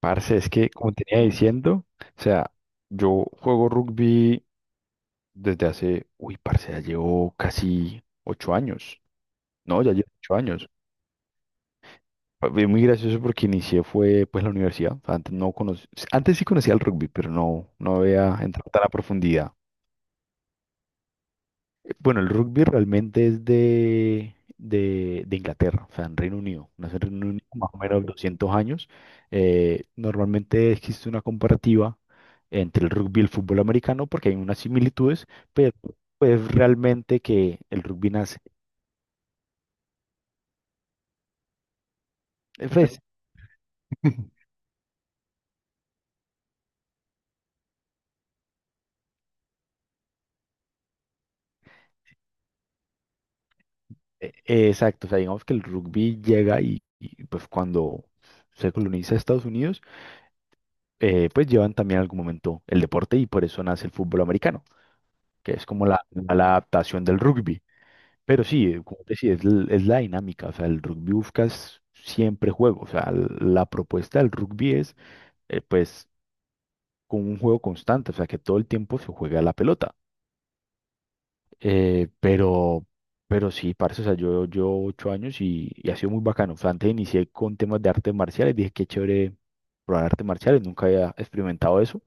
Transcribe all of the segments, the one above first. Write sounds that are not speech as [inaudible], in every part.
Parce, es que, como tenía diciendo, o sea, yo juego rugby desde hace, uy, parce, ya llevo casi 8 años. No, ya llevo 8 años. Fue muy gracioso porque inicié fue, pues, la universidad. O sea, antes no conoc- antes sí conocía el rugby, pero no había entrado tan a profundidad. Bueno, el rugby realmente es de Inglaterra, o sea, en Reino Unido. Nace en Reino Unido más o menos 200 años. Normalmente existe una comparativa entre el rugby y el fútbol americano porque hay unas similitudes, pero pues realmente que el rugby nace. eh, pues, exacto, o sea, digamos que el rugby llega y, pues cuando se coloniza Estados Unidos, pues llevan también en algún momento el deporte y por eso nace el fútbol americano, que es como la adaptación del rugby. Pero sí, como te decía, es la dinámica, o sea, el rugby buscas siempre juego, o sea, la propuesta del rugby es, eh, pues, con un juego constante, o sea, que todo el tiempo se juega la pelota. Eh, pero, pero sí, parce, o sea, yo 8 años y ha sido muy bacano, o sea, antes inicié con temas de artes marciales, dije qué chévere probar artes marciales, nunca había experimentado eso,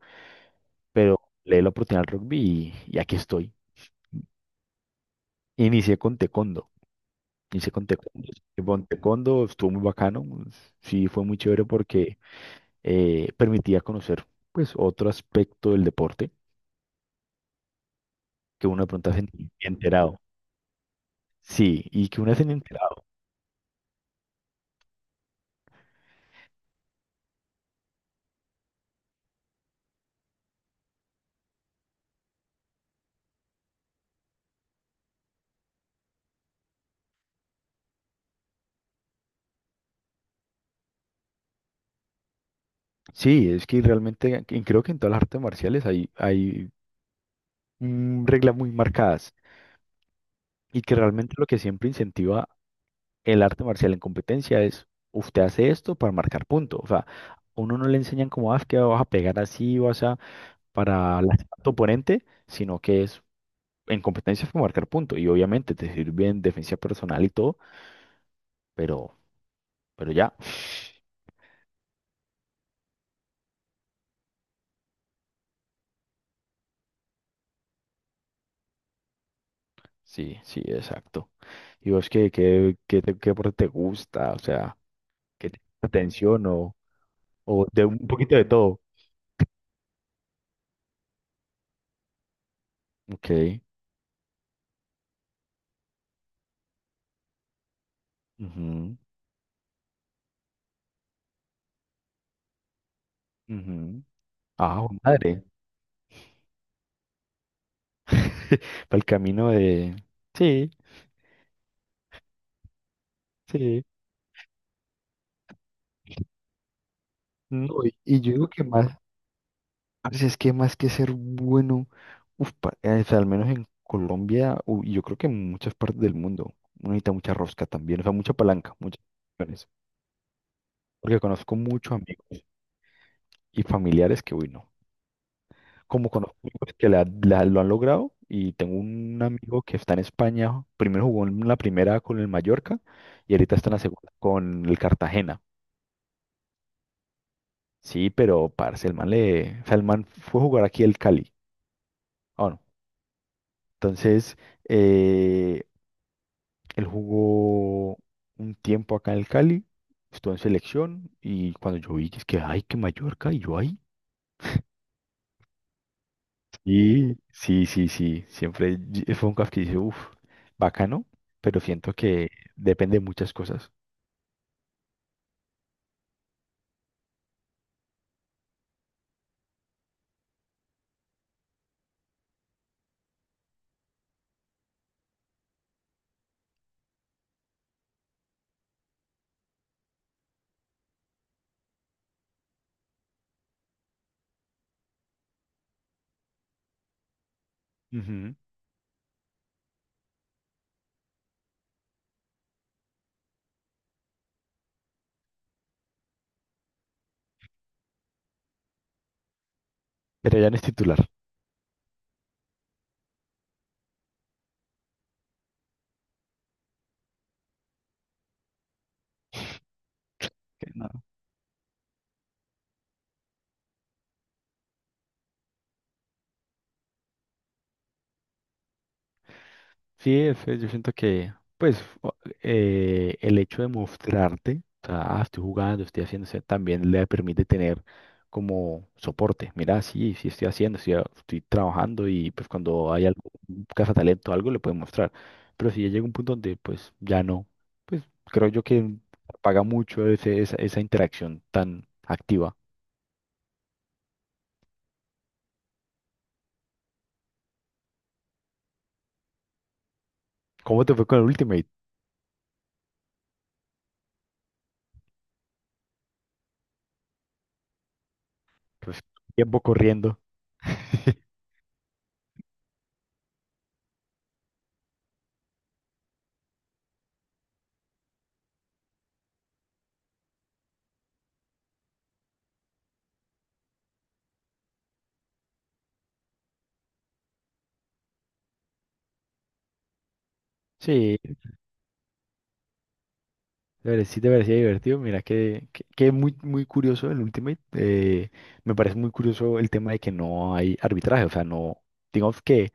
pero le di la oportunidad al rugby y aquí estoy. Inicié con taekwondo. Hice con taekwondo estuvo muy bacano, sí fue muy chévere porque permitía conocer pues otro aspecto del deporte que uno de pronto enterado. Sí, y que uno se enterado. Sí, es que realmente creo que en todas las artes marciales hay reglas muy marcadas y que realmente lo que siempre incentiva el arte marcial en competencia es usted hace esto para marcar punto. O sea, a uno no le enseñan como, ah, es que vas a pegar así, vas a para lastimar a tu oponente, sino que es en competencia fue marcar punto. Y obviamente te sirve en defensa personal y todo, pero, pero ya. Sí, sí, exacto. ¿Y vos qué, qué deporte te gusta? O sea, ¿qué te llama la atención o de un poquito de todo? Ok. Ujú, ujú. Ah, jue madre. [laughs] Para el camino de... Sí, sí. No, y yo digo que más Parce, es que más que ser bueno, o sea, al menos en Colombia, y yo creo que en muchas partes del mundo, uno necesita mucha rosca también, o sea, mucha palanca, muchas opciones. Porque conozco muchos amigos y familiares que, uy, no. Como conozco amigos que lo han logrado, y tengo un amigo que está en España, primero jugó en la primera con el Mallorca, y ahorita está en la segunda con el Cartagena. Sí, pero, parce, el man le, o sea, el man fue a jugar aquí el Cali. Ah, no. Entonces. eh, Él jugó un tiempo acá en el Cali, estuvo en selección y cuando yo vi que es que, ay, que Mallorca, y yo, ahí sí, sí, sí, sí. Fue un caf que dice, uff, bacano, pero siento que depende de muchas cosas. Ujú. Pero ya no es titular. Sí, yo siento que, pues, el hecho de mostrarte, o sea, ah, estoy jugando, estoy haciendo, o sea, también le permite tener como soporte. Mira, sí, sí estoy haciendo, estoy trabajando y pues cuando hay algo, un cazatalento o algo, le pueden mostrar. Pero si ya llega un punto donde, pues, ya no, pues, creo yo que paga mucho esa interacción tan activa. ¿Cómo te fue con el Ultimate? Pues, tiempo corriendo. [laughs] Sí, la verdad sí te parecía divertido. Mira que muy, muy curioso el Ultimate. Me parece muy curioso el tema de que no hay arbitraje. O sea, no, digamos que...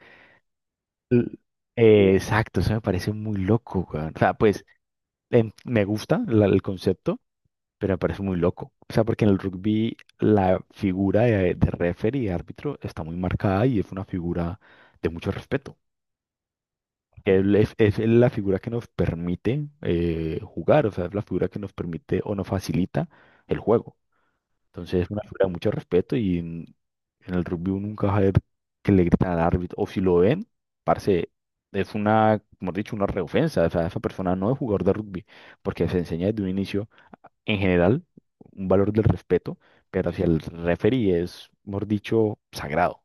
l- exacto, eso me parece muy loco, weón. O sea, pues me gusta el concepto. Pero me parece muy loco. O sea, porque en el rugby la figura de referee y árbitro está muy marcada y es una figura de mucho respeto. Él es la figura que nos permite jugar, o sea, es la figura que nos permite o nos facilita el juego. Entonces es una figura de mucho respeto en el rugby uno nunca va a ver que le gritan al árbitro. O si lo ven, parce, es una, como he dicho, una reofensa. O sea, esa persona no es jugador de rugby porque se enseña desde un inicio en general, un valor del respeto, pero hacia el referee es, mejor dicho, sagrado.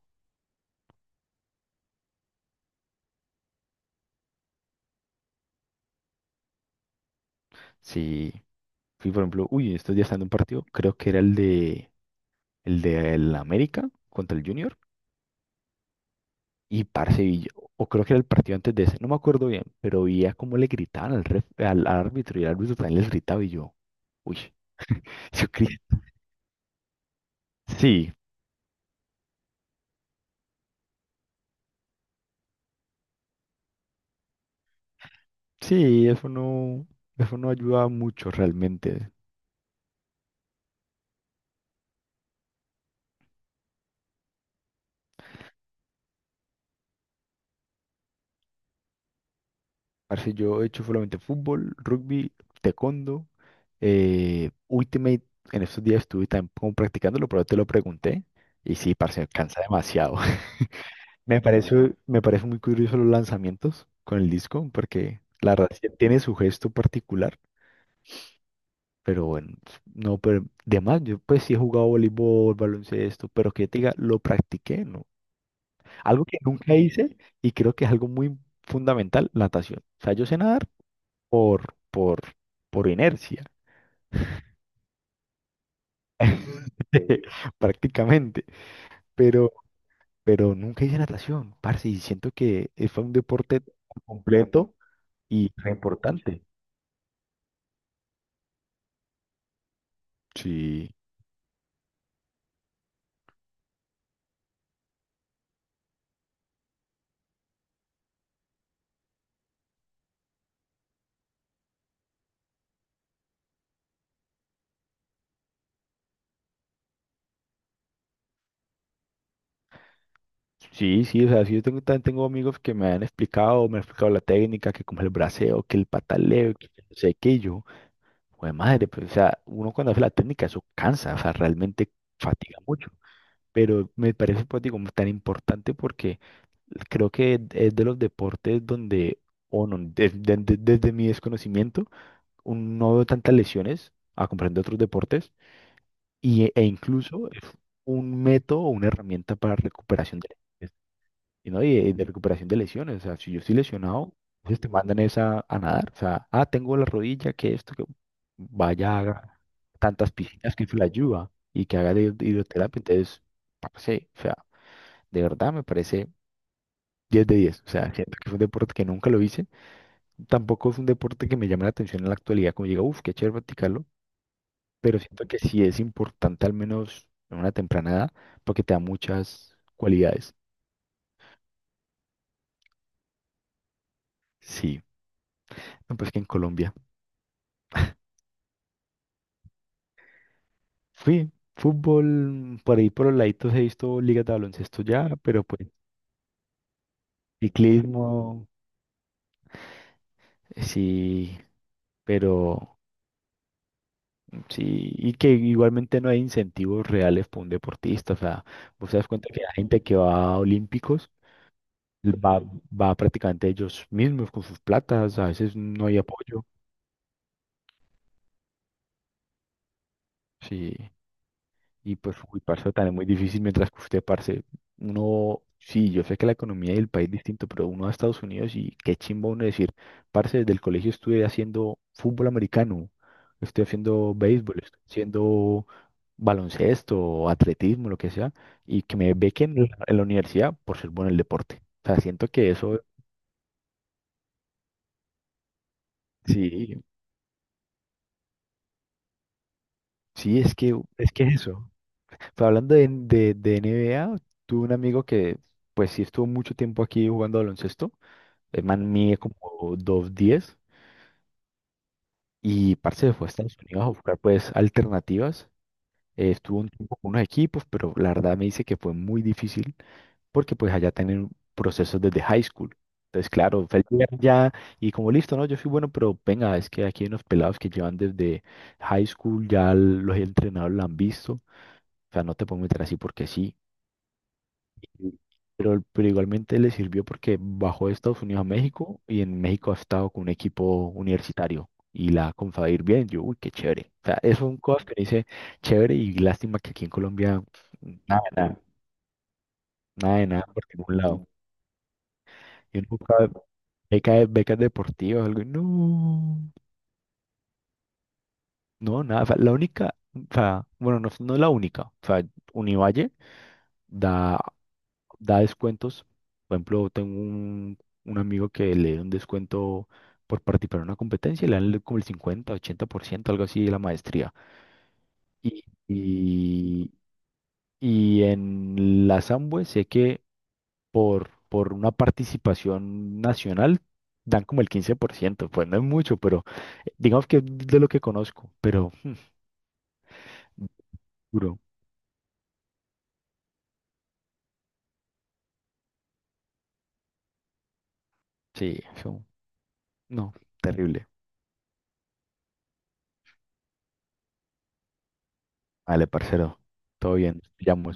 Si fui, por ejemplo, uy, estos días estando en un partido, creo que era el de el América contra el Junior y parce, o creo que era el partido antes de ese, no me acuerdo bien, pero veía cómo le gritaban al árbitro y el árbitro también les gritaba y yo, uy, [laughs] yo cre- sí, sí, eso no ayuda mucho realmente. Parce, yo he hecho solamente fútbol, rugby, taekwondo, Ultimate. En estos días estuve también como practicándolo, pero te lo pregunté. Y sí, parce, cansa demasiado. [laughs] Me parece muy curioso los lanzamientos con el disco, porque la verdad sí tiene su gesto particular, pero bueno, no, pero de más, yo pues sí he jugado voleibol, baloncesto, pero que te diga, lo practiqué, ¿no? Algo que nunca hice y creo que es algo muy fundamental, natación. O sea, yo sé nadar por, por, por inercia, [laughs] prácticamente. Pero, pero nunca hice natación, parce, y siento que fue un deporte completo y re importante. Sí. Sí, sí, o sea, sí, yo tengo, tengo amigos que me han explicado la técnica, que como el braceo, que el pataleo, que no sé qué, y yo, pues madre, pues, o sea, uno cuando hace la técnica, eso cansa, o sea, realmente fatiga mucho, pero me parece, pues, digo, tan importante. Creo que es de los deportes donde, o no, desde mi desconocimiento, no veo tantas lesiones a comparación de otros deportes e incluso es un método o una herramienta para recuperación de lesiones, y ¿no? Y, de recuperación de lesiones. O sea, si yo estoy lesionado, pues te mandan esa a nadar. O sea, ah, tengo la rodilla, que esto, que vaya, haga tantas piscinas que eso le ayuda y que haga de hidroterapia. Entonces, parce, o sea, de verdad me parece 10 de 10. O sea, siento que es un deporte que nunca lo hice. Tampoco es un deporte que me llame la atención en la actualidad, como diga, uff, qué chévere practicarlo. Pero siento que sí es importante, al menos en una temprana edad, porque te da muchas cualidades. Sí, no, pues que en Colombia. Fui fútbol, por ahí por los laditos he visto ligas de baloncesto ya, pero pues ciclismo, sí, pero sí, y que igualmente no hay incentivos reales para un deportista. O sea, vos te das cuenta que hay gente que va a olímpicos va, va prácticamente ellos mismos con sus platas, a veces no hay apoyo, sí, y pues, uy, parce, también muy difícil mientras que usted, parce, uno, sí, yo sé que la economía del país es distinto, pero uno va a Estados Unidos y qué chimba uno decir, parce, desde el colegio estuve haciendo fútbol americano, estoy haciendo béisbol, estoy haciendo baloncesto, atletismo, lo que sea, y que me bequen en la universidad por ser bueno en el deporte. O sea, siento que eso, sí, sí, es que, es que es eso. Pero hablando de NBA, tuve un amigo que, pues sí, estuvo mucho tiempo aquí jugando baloncesto. El man mide como 2.10 y parce se fue a Estados Unidos a buscar, pues, alternativas. Estuvo un tiempo con unos equipos, pero la verdad me dice que fue muy difícil porque, pues, allá tienen procesos desde high school. Entonces, claro, fue el primer ya y como listo, ¿no? Yo soy bueno, pero venga, es que aquí hay unos pelados que llevan desde high school, ya los entrenadores lo han visto. O sea, no te puedo meter así porque sí. Sí. Pero igualmente le sirvió porque bajó de Estados Unidos a México y en México ha estado con un equipo universitario y la ha comenzado ir bien. Yo, uy, qué chévere. O sea, es un cosas que dice chévere y lástima que aquí en Colombia nada. Nada de nada por ningún lado. Yo nunca becas deportivas, algo, y no, no, nada. O sea, la única, o sea, bueno, no, no es la única. O sea, Univalle da da descuentos. Por ejemplo, tengo un amigo que le dio un descuento por participar en una competencia y le dan como el 50, 80%, algo así de la maestría. Y, y, y en la Samhue sé que por una participación nacional dan como el 15%, pues no es mucho, pero digamos que es de lo que conozco, pero hmm, duro. Sí, eso, no, terrible. Vale, parcero, todo bien, te llamo.